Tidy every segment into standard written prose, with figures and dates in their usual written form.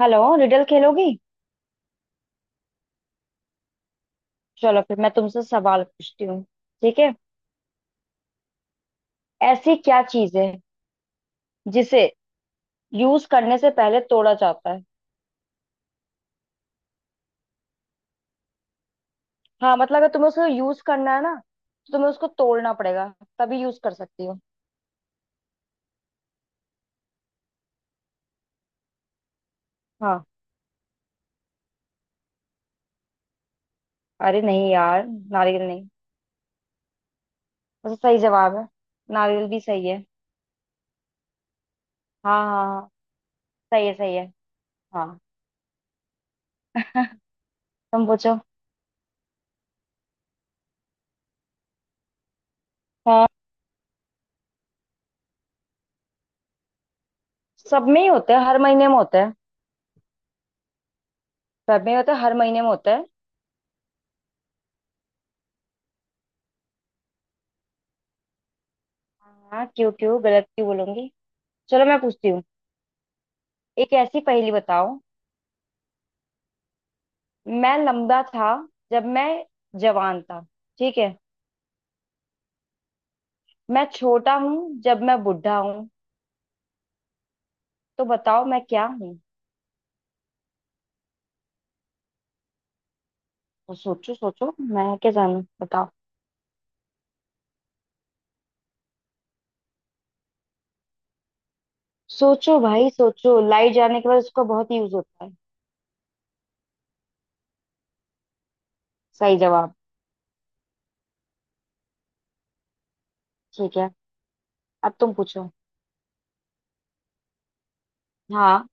Hello. Riddle खेलोगी? चलो फिर मैं तुमसे सवाल पूछती हूँ। ठीक है। ऐसी क्या चीज है जिसे यूज करने से पहले तोड़ा जाता है? हाँ, मतलब अगर तुम्हें उसको यूज करना है ना, तो तुम्हें उसको तोड़ना पड़ेगा, तभी यूज कर सकती हो। हाँ। अरे नहीं यार, नारियल नहीं। वैसे सही जवाब है, नारियल भी सही है। हाँ हाँ हाँ। सही है, सही है। हाँ। तुम पूछो। हाँ। सब में ही होते हैं, हर महीने में होते हैं। सब में होते हैं, हर महीने में होते हैं। हाँ, क्यों? क्यों गलत क्यों बोलूंगी? चलो मैं पूछती हूँ। एक ऐसी पहेली बताओ। मैं लंबा था जब मैं जवान था। ठीक है। मैं छोटा हूँ जब मैं बुढ़ा हूँ। तो बताओ मैं क्या हूँ? तो सोचो सोचो, मैं क्या जानू, बताओ। सोचो भाई सोचो, लाइट जाने के बाद उसका बहुत यूज होता है। सही जवाब। ठीक है, अब तुम पूछो। हाँ।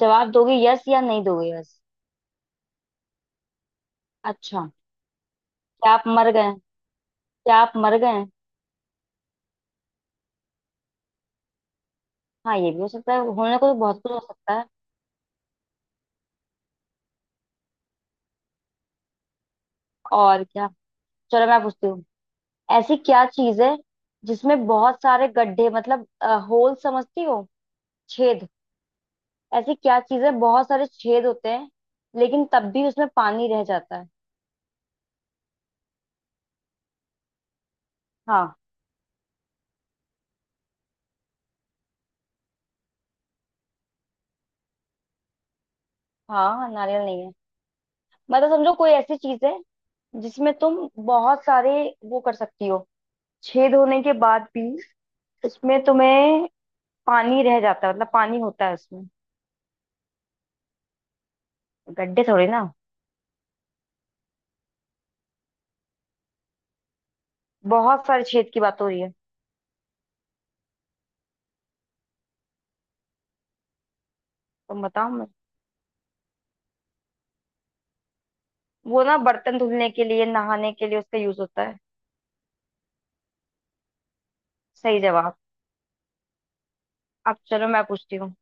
जवाब दोगे यस या नहीं दोगे यस? अच्छा। क्या आप मर गए? क्या आप मर गए? हाँ, ये भी हो सकता है, होने को तो बहुत कुछ हो सकता है। और क्या। चलो मैं पूछती हूँ। ऐसी क्या चीज है जिसमें बहुत सारे गड्ढे, मतलब होल समझती हो, छेद। ऐसी क्या चीज है बहुत सारे छेद होते हैं, लेकिन तब भी उसमें पानी रह जाता है। हाँ। हाँ, नारियल नहीं है। मतलब समझो, कोई ऐसी चीज है जिसमें तुम बहुत सारे वो कर सकती हो, छेद होने के बाद भी उसमें तुम्हें पानी रह जाता है, मतलब पानी होता है उसमें। गड्ढे थोड़े ना, बहुत सारे छेद की बात हो रही है। तुम बताओ। मैं, वो ना, बर्तन धुलने के लिए, नहाने के लिए उसका यूज होता है। सही जवाब। अब चलो मैं पूछती हूँ।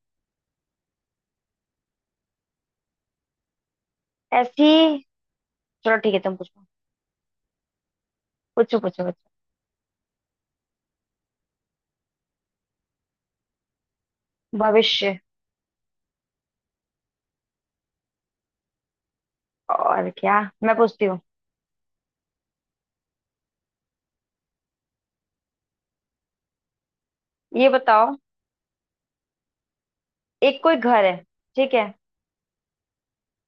ऐसी, चलो ठीक है तुम पूछो। पूछो पूछो पूछो। भविष्य। और क्या, मैं पूछती हूँ। ये बताओ, एक कोई घर है, ठीक है,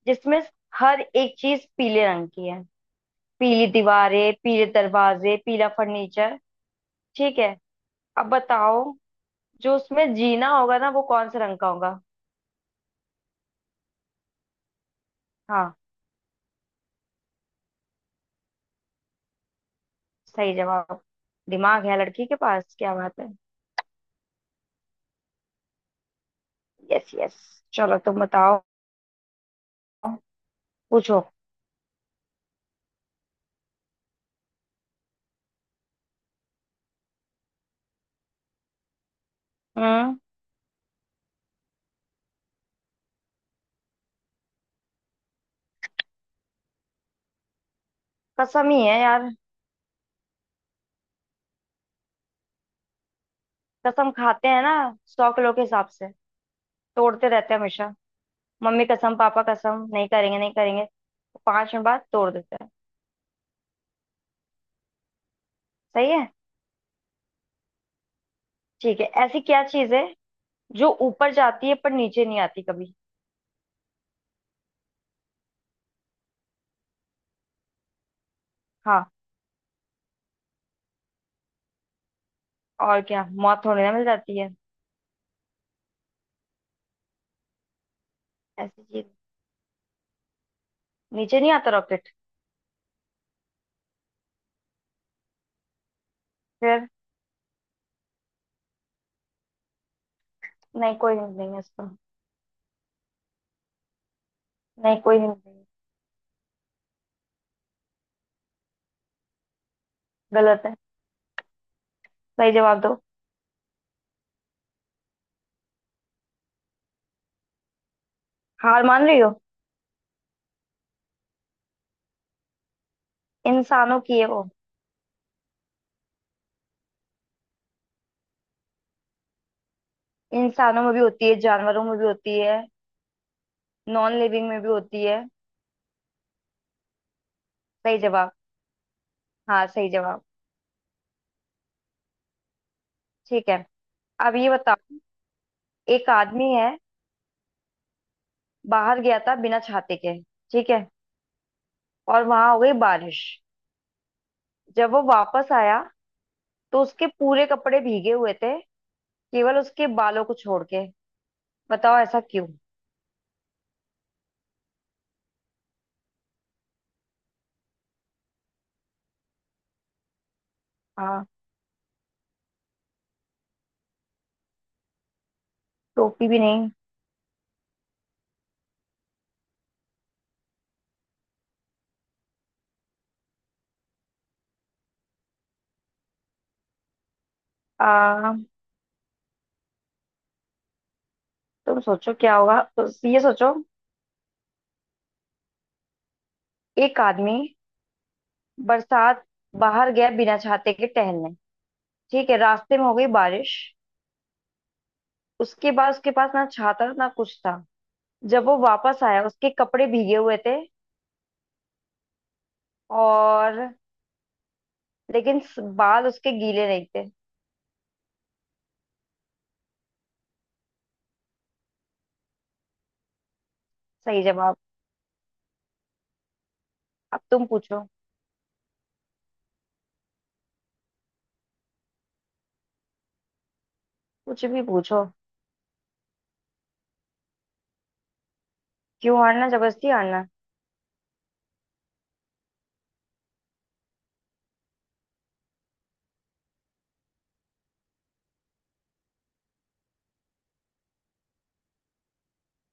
जिसमें हर एक चीज पीले रंग की है, पीली दीवारें, पीले दरवाजे, पीला फर्नीचर। ठीक है, अब बताओ, जो उसमें जीना होगा ना, वो कौन से रंग का होगा? हाँ। सही जवाब। दिमाग है लड़की के पास, क्या बात है। Yes yes. चलो तुम बताओ। पूछो। हम्म। कसम ही है यार। कसम खाते हैं ना, 100 किलो के हिसाब से तोड़ते रहते हैं हमेशा। मम्मी कसम, पापा कसम, नहीं करेंगे नहीं करेंगे, 5 मिनट बाद तोड़ देते हैं। सही है। ठीक है, ऐसी क्या चीज है जो ऊपर जाती है पर नीचे नहीं आती कभी? हाँ, और क्या, मौत होने में मिल जाती है। ऐसी चीज। नीचे नहीं आता रॉकेट। फिर? नहीं, कोई हिंट नहीं है इसको। नहीं, कोई हिंट नहीं है। गलत है, सही जवाब दो। हार मान रही हो? इंसानों की है वो। इंसानों में भी होती है, जानवरों में भी होती है, नॉन लिविंग में भी होती है। सही जवाब। हाँ, सही जवाब। ठीक है, अब ये बताओ। एक आदमी है, बाहर गया था बिना छाते के, ठीक है, और वहां हो गई बारिश। जब वो वापस आया तो उसके पूरे कपड़े भीगे हुए थे, केवल उसके बालों को छोड़ के। बताओ ऐसा क्यों? आ, टोपी भी नहीं। आ, तुम सोचो क्या होगा ये सोचो। एक आदमी, बरसात, बाहर गया बिना छाते के टहलने, ठीक है, रास्ते में हो गई बारिश, उसके बाद उसके पास ना छाता ना कुछ था। जब वो वापस आया उसके कपड़े भीगे हुए थे, और, लेकिन बाल उसके गीले नहीं थे। सही जवाब। अब तुम पूछो। कुछ भी पूछो। क्यों हारना, जबरदस्ती हारना।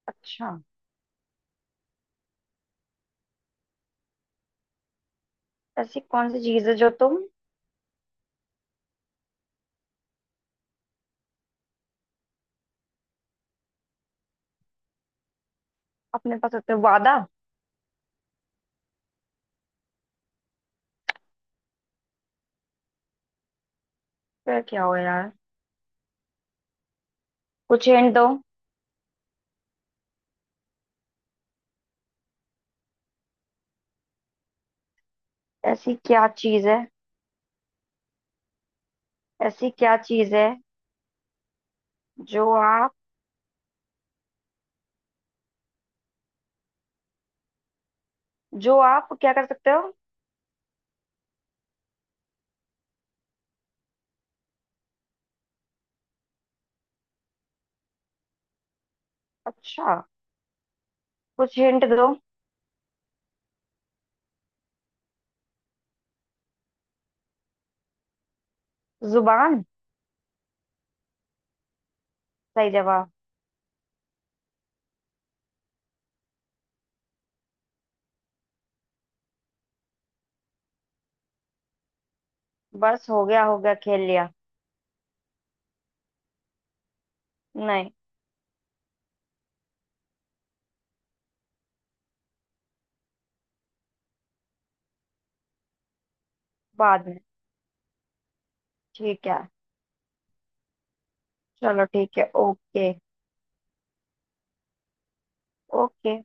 अच्छा, ऐसी कौन सी चीज है जो तुम अपने पास रखते हो? वादा। फिर क्या हो यार, कुछ हिंट दो। ऐसी क्या चीज है, ऐसी क्या चीज है जो आप, जो आप क्या कर सकते हो? अच्छा, कुछ हिंट दो। जुबान। सही जवाब। बस, हो गया, हो गया, खेल लिया। नहीं। बाद में। ठीक है। चलो ठीक है, ओके। ओके।